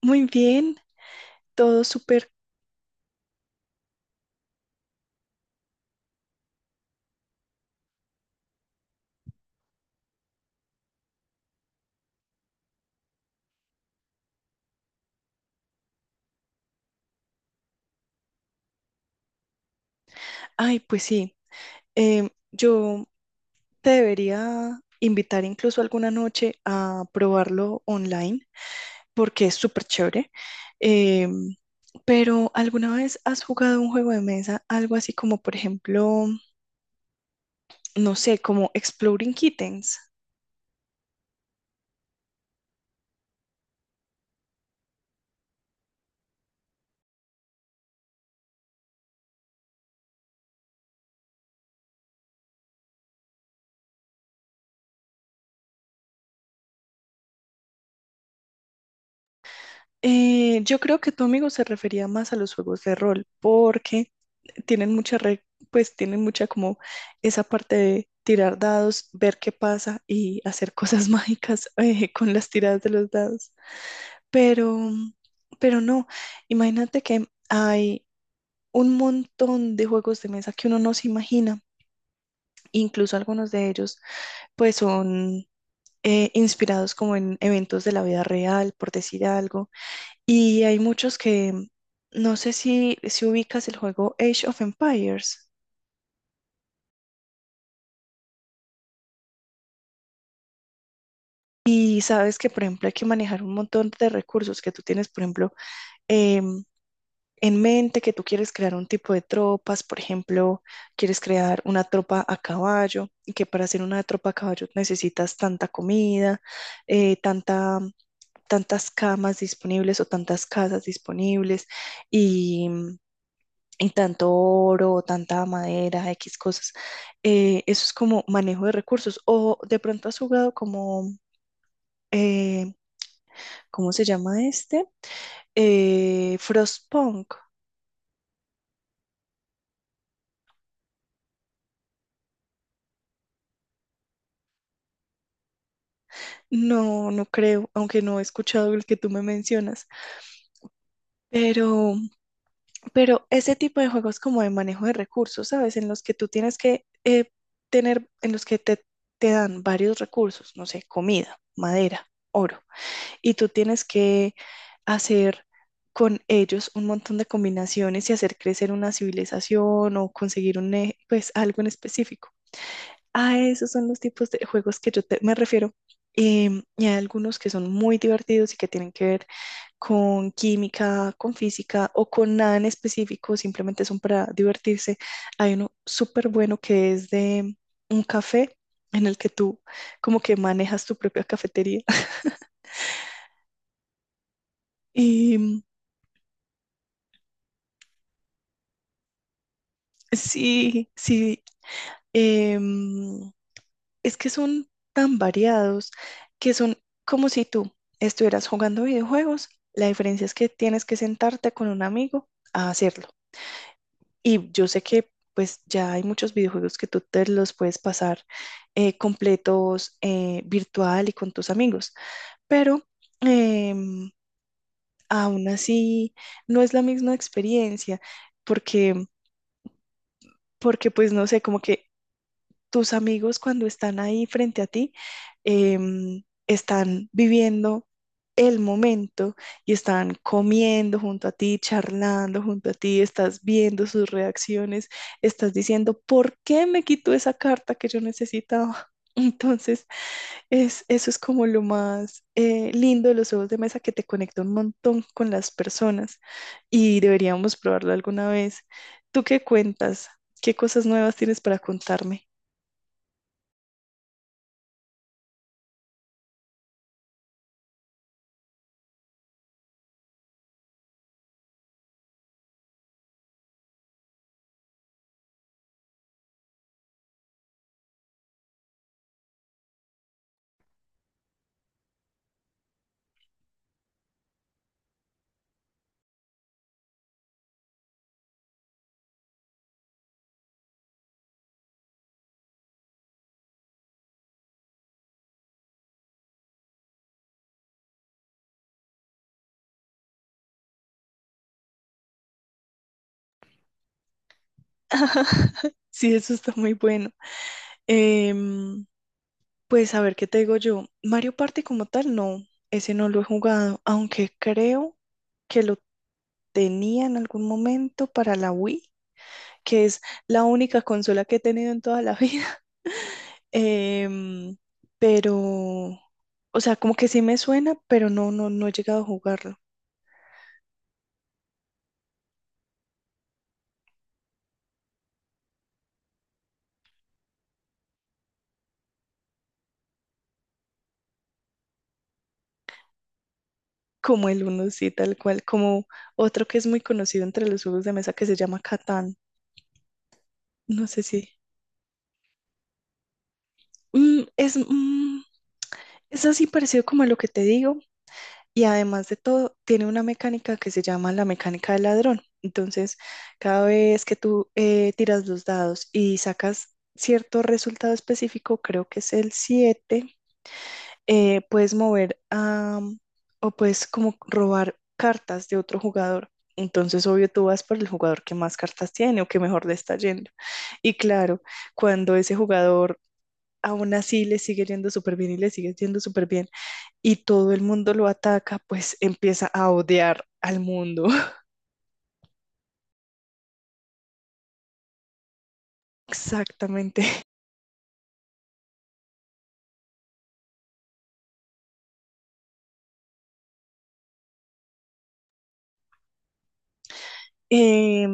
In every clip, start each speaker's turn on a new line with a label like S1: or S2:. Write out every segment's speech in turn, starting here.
S1: Muy bien, todo súper. Ay, pues sí, yo te debería invitar incluso alguna noche a probarlo online porque es súper chévere. Em, pero ¿alguna vez has jugado un juego de mesa, algo así como, por ejemplo, no sé, como Exploding Kittens? Yo creo que tu amigo se refería más a los juegos de rol porque tienen mucha re- pues tienen mucha como esa parte de tirar dados, ver qué pasa y hacer cosas mágicas, con las tiradas de los dados. Pero, mm, pero no, imagínate que hay un montón de juegos de mesa que uno no se imagina, incluso algunos de ellos pues son, inspirados como en eventos de la vida real, por decir algo, y hay muchos que, no sé si ubicas el juego Age of Empires, y sabes que, por ejemplo, hay que manejar un montón de recursos que tú tienes. Por ejemplo, em, en mente que tú quieres crear un tipo de tropas. Por ejemplo, quieres crear una tropa a caballo, y que para hacer una tropa a caballo necesitas tanta comida, eh, tanta, tantas camas disponibles o tantas casas disponibles, y y tanto oro, tanta madera, X cosas. Eso es como manejo de recursos. O de pronto has jugado como, eh, ¿cómo se llama este? Frostpunk. No, no creo, aunque no he escuchado el que tú me mencionas, pero, pero ese tipo de juegos como de manejo de recursos, ¿sabes? En los que tú tienes que, en los que te dan varios recursos, no sé, comida, madera, oro, y tú tienes que hacer con ellos un montón de combinaciones y hacer crecer una civilización o conseguir un, pues, algo en específico. A esos son los tipos de juegos que yo me refiero. Y hay algunos que son muy divertidos y que tienen que ver con química, con física o con nada en específico, simplemente son para divertirse. Hay uno súper bueno que es de un café en el que tú como que manejas tu propia cafetería. Y sí, sí. em, es que son tan variados que son como si tú estuvieras jugando videojuegos. La diferencia es que tienes que sentarte con un amigo a hacerlo. Y yo sé que pues ya hay muchos videojuegos que tú te los puedes pasar, completos, virtual y con tus amigos, pero, em, aún así no es la misma experiencia, porque porque pues no sé, como que tus amigos cuando están ahí frente a ti, están viviendo el momento y están comiendo junto a ti, charlando junto a ti, estás viendo sus reacciones, estás diciendo, ¿por qué me quitó esa carta que yo necesitaba? Entonces, es, eso es como lo más, lindo de los juegos de mesa, que te conecta un montón con las personas, y deberíamos probarlo alguna vez. ¿Tú qué cuentas? ¿Qué cosas nuevas tienes para contarme? Sí, eso está muy bueno. Em, pues a ver, ¿qué te digo yo? Mario Party como tal, no, ese no lo he jugado, aunque creo que lo tenía en algún momento para la Wii, que es la única consola que he tenido en toda la vida. Em, pero, o sea, como que sí me suena, pero no, no, no he llegado a jugarlo. Como el uno, sí, tal cual, como otro que es muy conocido entre los juegos de mesa, que se llama Catán. No sé si. Mm, es, mm, es así parecido como lo que te digo, y además de todo tiene una mecánica que se llama la mecánica del ladrón. Entonces, cada vez que tú, tiras los dados y sacas cierto resultado específico, creo que es el siete, eh, puedes mover a, o puedes como robar cartas de otro jugador. Entonces, obvio, tú vas por el jugador que más cartas tiene o que mejor le está yendo. Y claro, cuando ese jugador aún así le sigue yendo súper bien y le sigue yendo súper bien y todo el mundo lo ataca, pues empieza a odiar al mundo. Exactamente. Eh,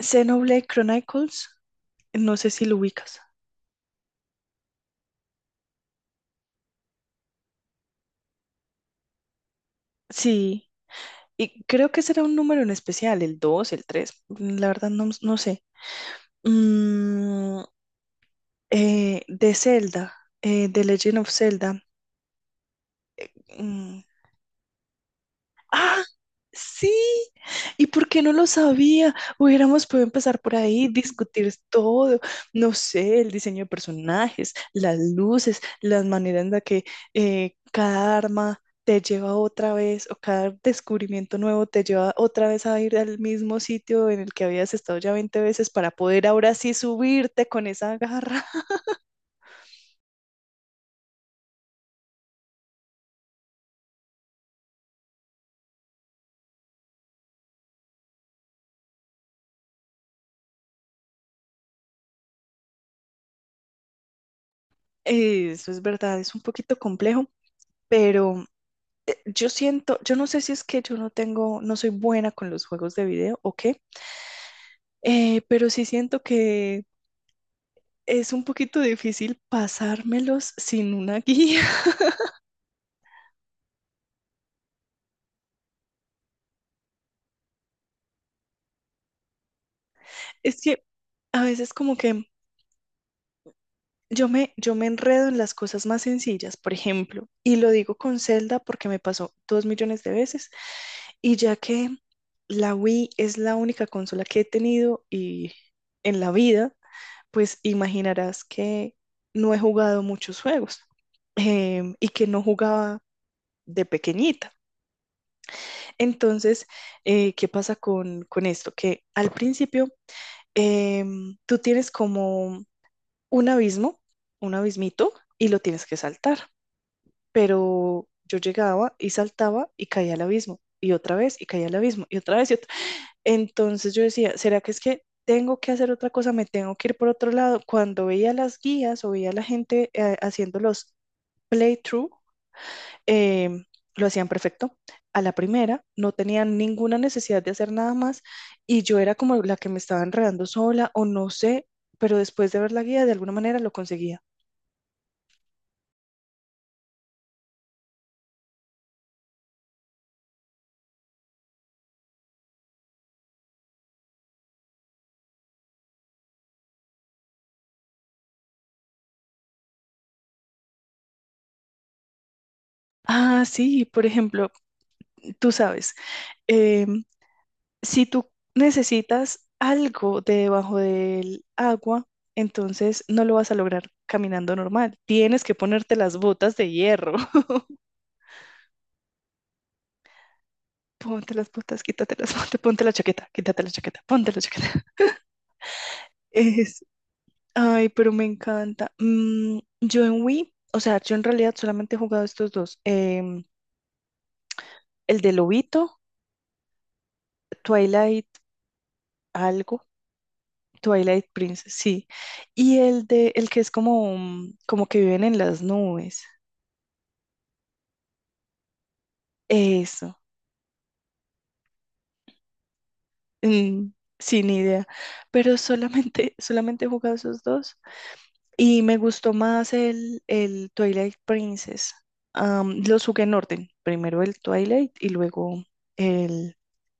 S1: Xenoblade Chronicles, no sé si lo ubicas. Sí, y creo que será un número en especial, el dos, el tres, la verdad no, no sé. Mm, de Zelda, de Legend of Zelda. mm, Ah, sí. ¿Y por qué no lo sabía? Hubiéramos podido empezar por ahí, discutir todo, no sé, el diseño de personajes, las luces, las maneras en las que, cada arma te lleva otra vez o cada descubrimiento nuevo te lleva otra vez a ir al mismo sitio en el que habías estado ya 20 veces para poder ahora sí subirte con esa garra. Eso es verdad, es un poquito complejo, pero yo siento, yo no sé si es que yo no tengo, no soy buena con los juegos de video o qué, pero sí siento que es un poquito difícil pasármelos sin una guía. Es que a veces como que yo me enredo en las cosas más sencillas, por ejemplo, y lo digo con Zelda porque me pasó dos millones de veces. Y ya que la Wii es la única consola que he tenido y en la vida, pues imaginarás que no he jugado muchos juegos, y que no jugaba de pequeñita. Entonces, ¿qué pasa con esto? Que al principio, tú tienes como un abismo, un abismito, y lo tienes que saltar. Pero yo llegaba y saltaba y caía al abismo, y otra vez, y caía al abismo, y otra vez, y otra. Entonces yo decía, ¿será que es que tengo que hacer otra cosa? ¿Me tengo que ir por otro lado? Cuando veía las guías o veía a la gente, haciendo los playthrough, em, lo hacían perfecto. A la primera no tenían ninguna necesidad de hacer nada más, y yo era como la que me estaba enredando sola o no sé, pero después de ver la guía de alguna manera lo conseguía. Ah, sí, por ejemplo, tú sabes, eh, si tú necesitas algo de debajo del agua, entonces no lo vas a lograr caminando normal. Tienes que ponerte las botas de hierro. Ponte las botas, quítate las botas, ponte la chaqueta, quítate la chaqueta, ponte la chaqueta. Es, Ay, pero me encanta. Yo en Wii, o sea, yo en realidad solamente he jugado estos dos. El de Lobito, Twilight algo, Twilight Princess, sí. Y el de, el que es como, como que viven en las nubes. Eso. Mm, Sin idea, pero solamente, solamente he jugado esos dos, y me gustó más el Twilight Princess. Los jugué en orden, primero el Twilight y luego el,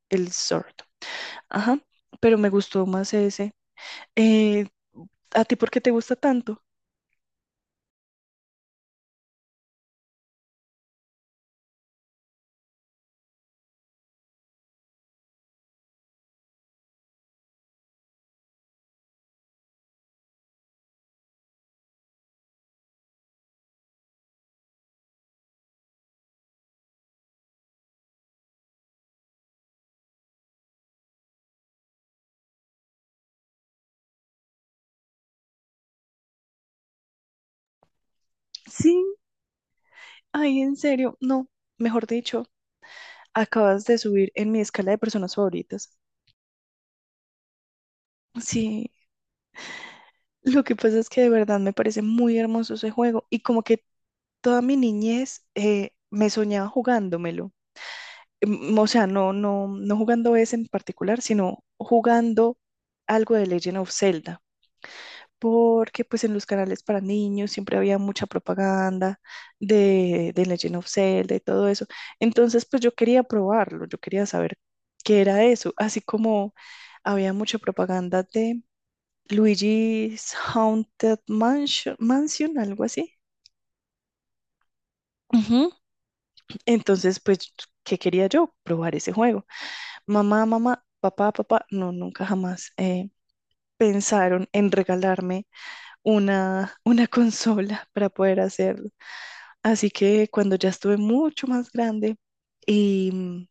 S1: el Sword. Ajá, pero me gustó más ese. Eh, ¿A ti por qué te gusta tanto? Sí, ay, en serio, no, mejor dicho, acabas de subir en mi escala de personas favoritas. Sí, lo que pasa es que de verdad me parece muy hermoso ese juego, y como que toda mi niñez, me soñaba jugándomelo. O sea, no, no, no jugando ese en particular, sino jugando algo de Legend of Zelda. Porque pues en los canales para niños siempre había mucha propaganda de Legend of Zelda y todo eso. Entonces pues yo quería probarlo, yo quería saber qué era eso. Así como había mucha propaganda de Luigi's Haunted Mansion, Mansion, algo así. Ujú. Entonces, pues, ¿qué quería yo? Probar ese juego. Mamá, mamá, papá, papá, no, nunca jamás, pensaron en regalarme una, una consola para poder hacerlo. Así que cuando ya estuve mucho más grande y, mm,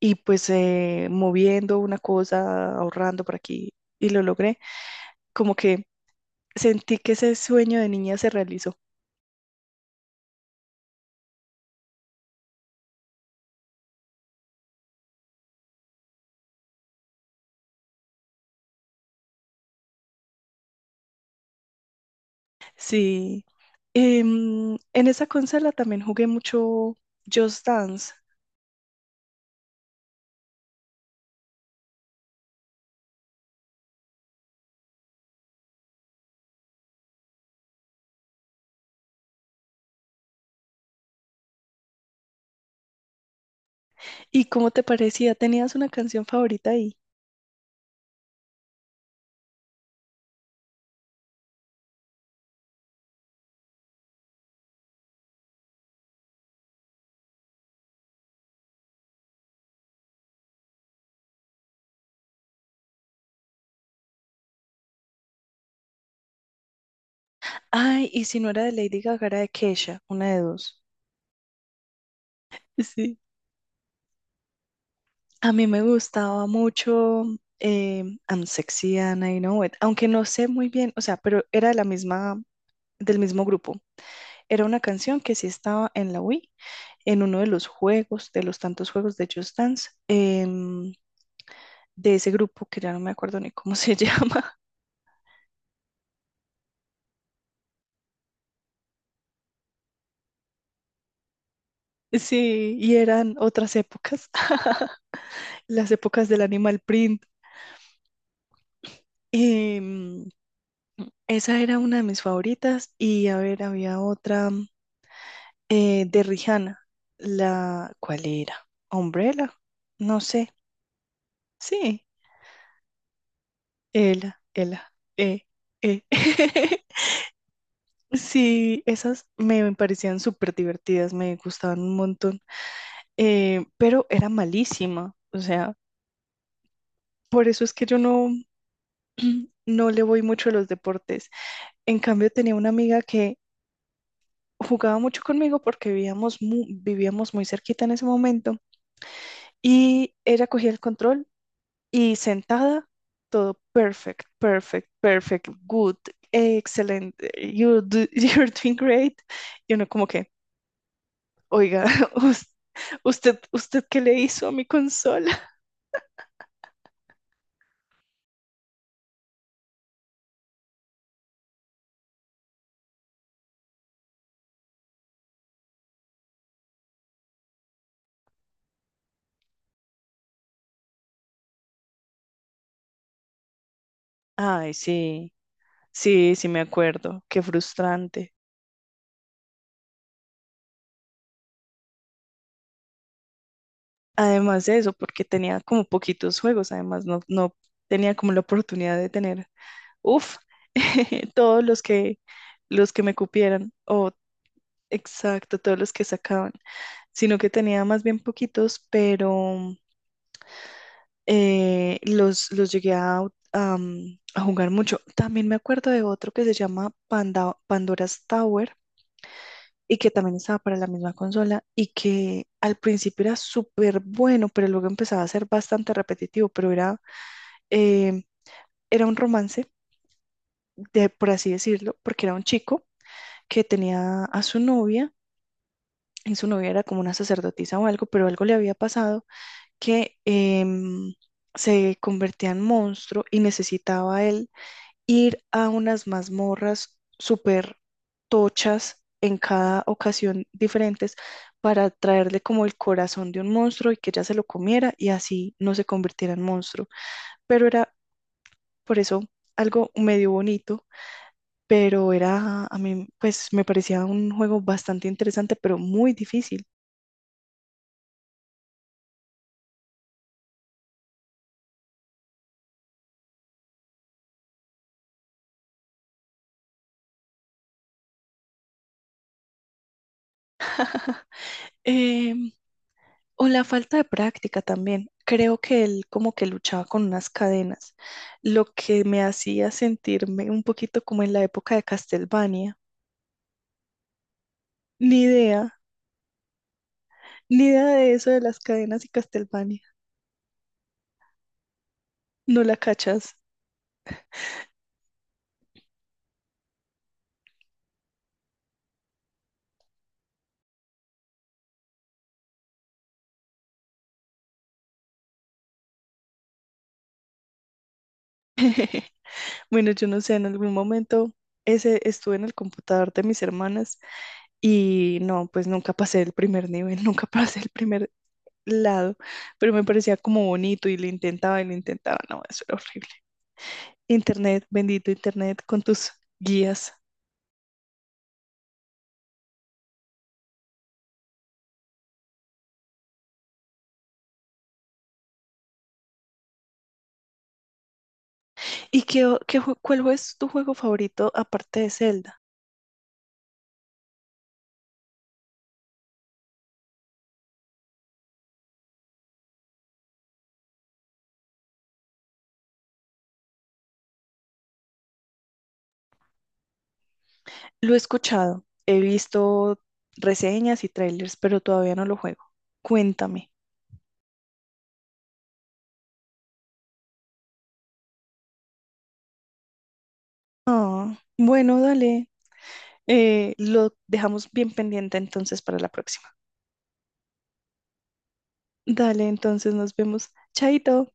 S1: y pues, moviendo una cosa, ahorrando por aquí, y lo logré, como que sentí que ese sueño de niña se realizó. Sí. En esa consola también jugué mucho Just Dance. ¿Y cómo te parecía? ¿Tenías una canción favorita ahí? Ay, y si no era de Lady Gaga, era de Kesha, una de dos. Sí. A mí me gustaba mucho, I'm Sexy and I Know It, aunque no sé muy bien, o sea, pero era de la misma, del mismo grupo. Era una canción que sí estaba en la Wii, en uno de los juegos, de los tantos juegos de Just Dance, de ese grupo que ya no me acuerdo ni cómo se llama. Sí, y eran otras épocas. Las épocas del Animal Print. Em, Esa era una de mis favoritas, y a ver, había otra, de Rihanna, la, ¿cuál era? Umbrella, no sé, sí, Ela, Ela, eh. Sí, esas me parecían súper divertidas, me gustaban un montón, pero era malísima, o sea, por eso es que yo no, no le voy mucho a los deportes. En cambio, tenía una amiga que jugaba mucho conmigo porque vivíamos, vivíamos muy cerquita en ese momento, y ella cogía el control y sentada, todo perfect, perfect, perfect, good, excelente, you're doing great. Y uno como que, oiga, us- usted, ¿qué le hizo a mi consola? Ay, sí, sí, sí me acuerdo, qué frustrante. Además de eso, porque tenía como poquitos juegos, además no, no tenía como la oportunidad de tener. Uf, todos los que me cupieran, o exacto, todos los que sacaban, sino que tenía más bien poquitos, pero, los llegué a jugar mucho. También me acuerdo de otro que se llama Panda, Pandora's Tower, y que también estaba para la misma consola, y que al principio era súper bueno, pero luego empezaba a ser bastante repetitivo, pero era, eh, era un romance, de, por así decirlo, porque era un chico que tenía a su novia, y su novia era como una sacerdotisa o algo, pero algo le había pasado que, se convertía en monstruo y necesitaba él ir a unas mazmorras súper tochas en cada ocasión diferentes para traerle como el corazón de un monstruo y que ella se lo comiera y así no se convirtiera en monstruo. Pero era por eso algo medio bonito, pero era, a mí, pues me parecía un juego bastante interesante, pero muy difícil. Em, o la falta de práctica también. Creo que él como que luchaba con unas cadenas, lo que me hacía sentirme un poquito como en la época de Castlevania. Ni idea, ni idea de eso de las cadenas y Castlevania. No la cachas. Bueno, yo no sé, en algún momento ese estuve en el computador de mis hermanas, y no, pues nunca pasé el primer nivel, nunca pasé el primer, lado, pero me parecía como bonito y lo intentaba y lo intentaba. No, eso era horrible. Internet, bendito Internet, con tus guías. ¿Y qué, o- qué, jue- cuál es tu juego favorito aparte de Zelda? Lo he escuchado, he visto reseñas y trailers, pero todavía no lo juego. Cuéntame. Ah, bueno, dale. Lo dejamos bien pendiente entonces para la próxima. Dale, entonces nos vemos. Chaito.